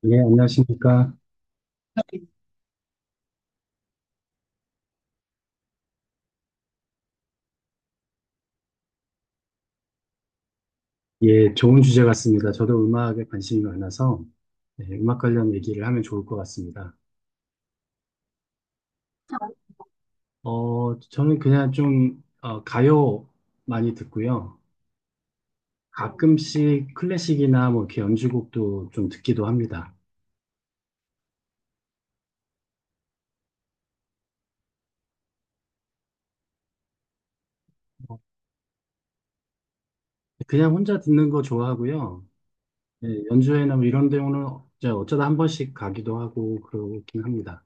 네, 안녕하십니까. 예, 좋은 주제 같습니다. 저도 음악에 관심이 많아서 네, 음악 관련 얘기를 하면 좋을 것 같습니다. 저는 그냥 좀 가요 많이 듣고요. 가끔씩 클래식이나 뭐 이렇게 연주곡도 좀 듣기도 합니다. 그냥 혼자 듣는 거 좋아하고요. 예, 연주회나 뭐 이런 데는 이제 어쩌다 한 번씩 가기도 하고 그러긴 합니다.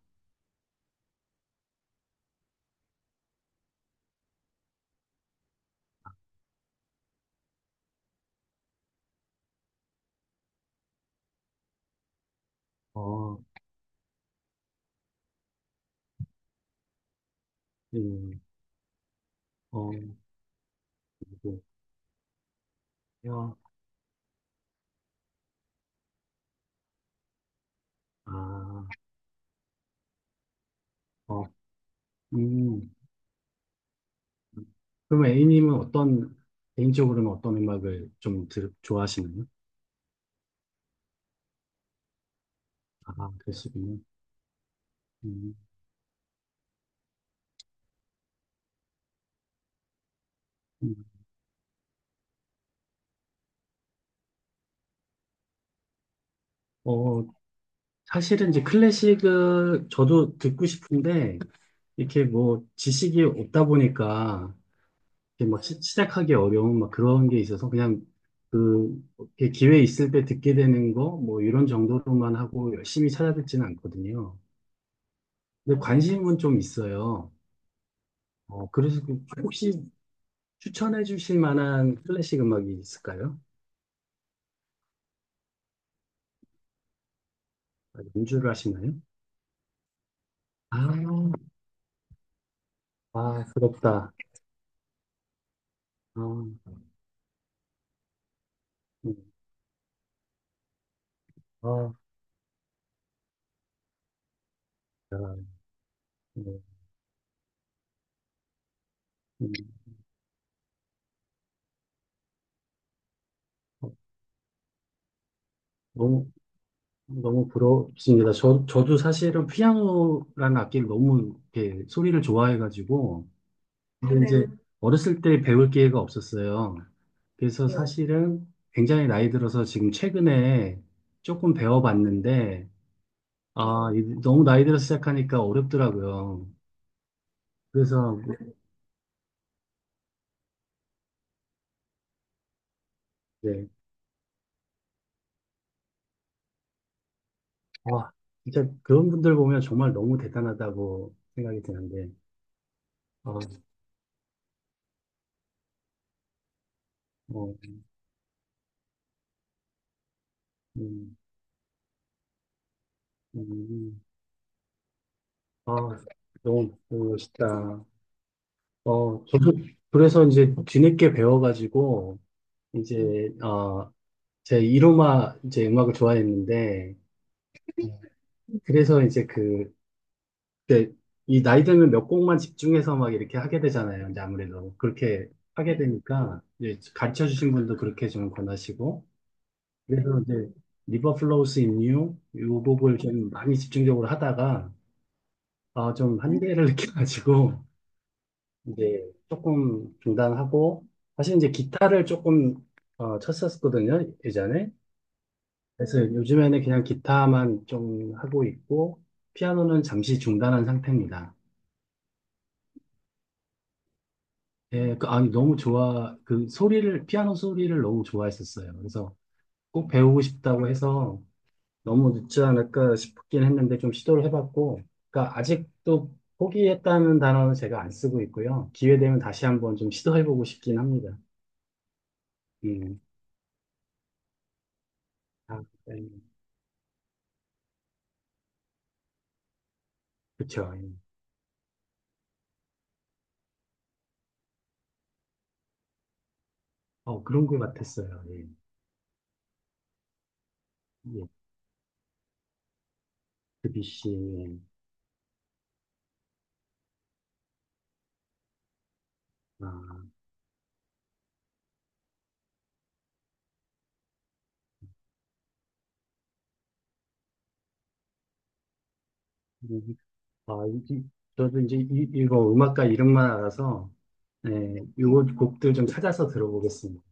어, 예, 어, 뭐, 아, 어, 음. 그럼 A님은 어떤, 개인적으로는 어떤 음악을 좀 좋아하시나요? 아, 그러시군요. 음, 음. 어, 사실은 이제 클래식을 저도 듣고 싶은데, 이렇게 뭐 지식이 없다 보니까, 이렇게 막 시작하기 어려운 막 그런 게 있어서 그냥 그, 이렇게 기회 있을 때 듣게 되는 거, 뭐 이런 정도로만 하고 열심히 찾아듣지는 않거든요. 근데 관심은 좀 있어요. 그래서 혹시 추천해 주실 만한 클래식 음악이 있을까요? 아, 연주를 하시나요? 아, 아, 부럽다. 아, 음, 아, 야, 네, 음, 어, 너무, 너무 부럽습니다. 저도 사실은 피아노라는 악기를 너무 이렇게 소리를 좋아해가지고, 근데 네. 이제 네. 어렸을 때 배울 기회가 없었어요. 그래서 네. 사실은 굉장히 나이 들어서 지금 최근에 조금 배워봤는데, 아, 네. 너무 나이 들어서 시작하니까 어렵더라고요. 그래서 네. 아, 진짜 그런 분들 보면 정말 너무 대단하다고 생각이 드는데, 아, 어, 음, 음, 음. 아, 너무 멋있다. 저도 그래서 이제 뒤늦게 배워가지고, 이제, 제 이로마 이제 음악을 좋아했는데, 그래서 이제 그때 이 나이 들면 몇 곡만 집중해서 막 이렇게 하게 되잖아요. 이제 아무래도 그렇게 하게 되니까, 이제 가르쳐 주신 분도 그렇게 좀 권하시고, 그래서 이제 리버 플로우스 인유요 곡을 좀 많이 집중적으로 하다가 아, 좀 한계를 느껴가지고 이제 조금 중단하고 사실 이제 기타를 조금 쳤었거든요 예전에. 그래서 요즘에는 그냥 기타만 좀 하고 있고 피아노는 잠시 중단한 상태입니다. 예, 그, 아니 너무 좋아 그 소리를 피아노 소리를 너무 좋아했었어요. 그래서 꼭 배우고 싶다고 해서 너무 늦지 않을까 싶긴 했는데 좀 시도를 해봤고, 그러니까 아직도 포기했다는 단어는 제가 안 쓰고 있고요. 기회 되면 다시 한번 좀 시도해보고 싶긴 합니다. 음, 아, 예. 그쵸. 예. 어, 그런 것 같았어요. 예. 예. 그비씨. 아, 이- 아, 이 저도 이제 이거 음악가 이름만 알아서, 예, 요거 곡들 좀 찾아서 들어보겠습니다.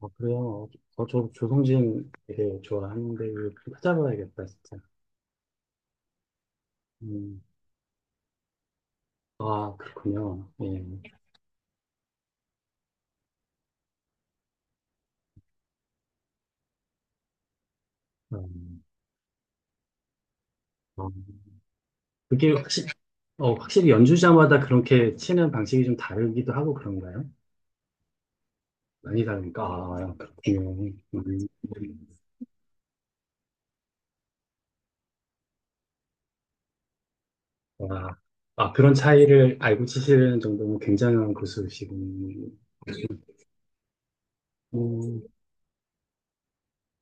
어, 그래요. 어, 저 조성진 되게 좋아하는데, 이거 찾아봐야겠다, 진짜. 음. 아, 그렇군요. 예. 음, 어, 그게 확실히, 확실히 연주자마다 그렇게 치는 방식이 좀 다르기도 하고 그런가요? 많이 다르니까. 아, 그렇군요. 와. 아, 아, 그런 차이를 알고 치시는 정도면 굉장한 고수시군요. 음,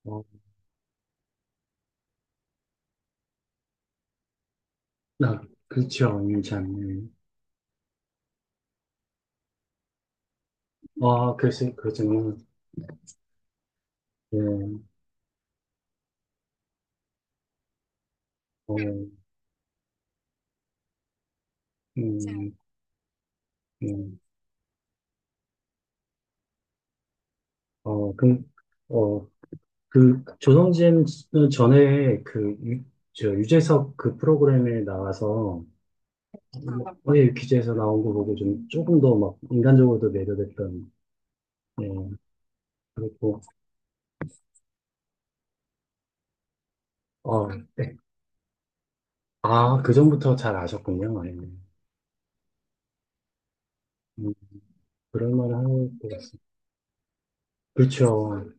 어, 아, 그렇죠. 참. 음. 아, 글쎄, 그렇죠. 예, 어, 음, 음, 어, 그 조성진 전에 그 저 유재석 그 프로그램에 나와서 어예 기자에서 나온 거 보고 좀 조금 더 막 인간적으로도 매료됐던 예 그렇고 어아그 전부터 잘 아셨군요. 예. 음, 그럴 만한 것 같습니다 그렇죠.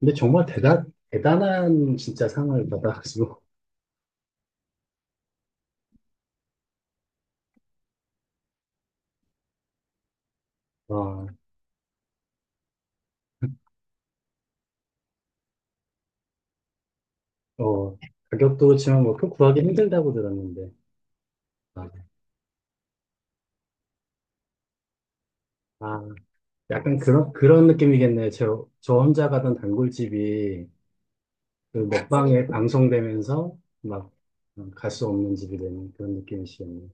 근데 정말 대단한 진짜 상을 받아가지고 아어 가격도 그렇지만 뭐그 구하기 힘들다고 들었는데 아, 아 약간 그런 느낌이겠네요. 저 혼자 가던 단골집이 그 먹방에 방송되면서 막 갈 수 없는 집이 되는 그런 느낌이시겠네요.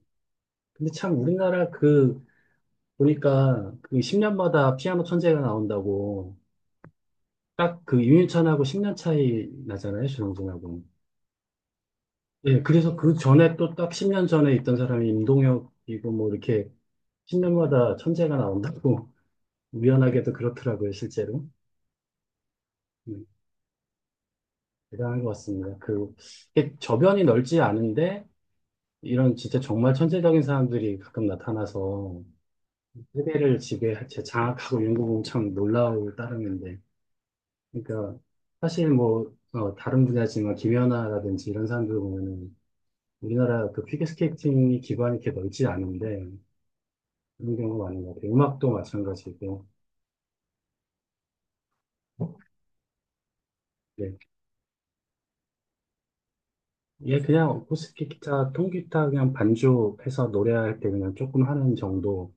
근데 참 우리나라 그, 보니까 그 10년마다 피아노 천재가 나온다고 딱 그 윤유찬하고 10년 차이 나잖아요. 조영진하고. 예, 그래서 그 전에 또 딱 10년 전에 있던 사람이 임동혁이고 뭐 이렇게 10년마다 천재가 나온다고 우연하게도 그렇더라고요, 실제로. 네. 대단한 것 같습니다. 그, 이게 저변이 넓지 않은데, 이런 진짜 정말 천재적인 사람들이 가끔 나타나서 세대를 지배, 제 장악하고 이런 거 보면 참 놀라울 따름인데. 그러니까, 사실 뭐, 다른 분야지만 김연아라든지 이런 사람들 보면은 우리나라 그 피겨스케이팅이 기반이 이렇게 넓지 않은데, 그런 경우가 많은 것 같아요. 음악도 마찬가지고. 네. 얘 그냥 어쿠스틱 기타, 통기타 그냥 반주해서 노래할 때 그냥 조금 하는 정도.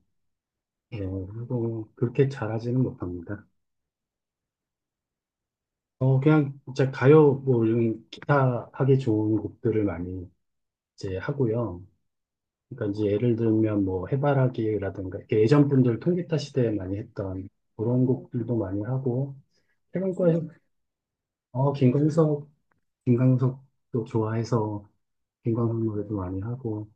예, 뭐, 그렇게 잘하지는 못합니다. 그냥 이제 가요, 뭐, 이런 기타 하기 좋은 곡들을 많이 이제 하고요. 그러니까 이제 예를 들면 뭐, 해바라기라든가, 이렇게 예전 분들 통기타 시대에 많이 했던 그런 곡들도 많이 하고, 최근 거에, 어, 김광석, 김광석도 좋아해서 김광석 노래도 많이 하고,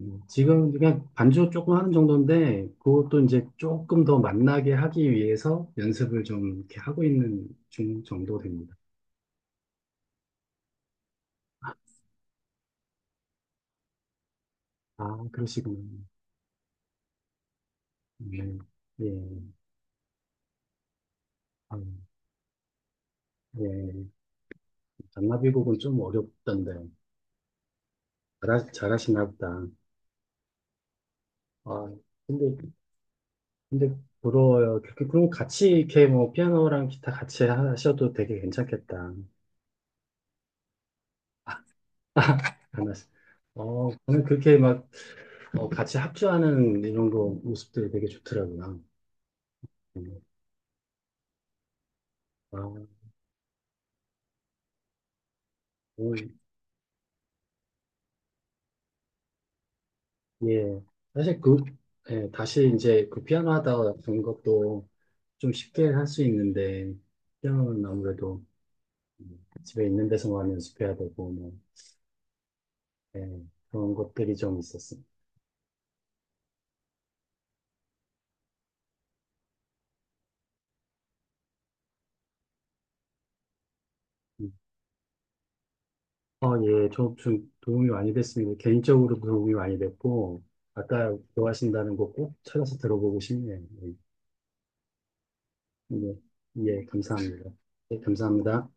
지금 그냥 반주 조금 하는 정도인데, 그것도 이제 조금 더 만나게 하기 위해서 연습을 좀 이렇게 하고 있는 중 정도 됩니다. 아, 그러시군요. 네. 예. 아, 예. 잔나비곡은 좀 어렵던데. 잘하시나 보다. 아, 근데, 근데 부러워요. 그럼 같이 이렇게 뭐 피아노랑 기타 같이 하셔도 되게 괜찮겠다. 하나씩. 저는 그렇게 막 같이 합주하는 이런 거 모습들이 되게 좋더라고요. 음. 아, 예. 사실 그, 예, 다시 이제 그 피아노 하다 된 것도 좀 쉽게 할 수 있는데, 피아노는 아무래도 집에 있는 데서만 연습해야 되고, 뭐, 예, 그런 것들이 좀 있었어요. 음. 예, 저좀 도움이 많이 됐습니다. 개인적으로 도움이 많이 됐고, 아까 좋아하신다는 거 꼭 찾아서 들어보고 싶네요. 예, 예, 예, 감사합니다. 예, 감사합니다.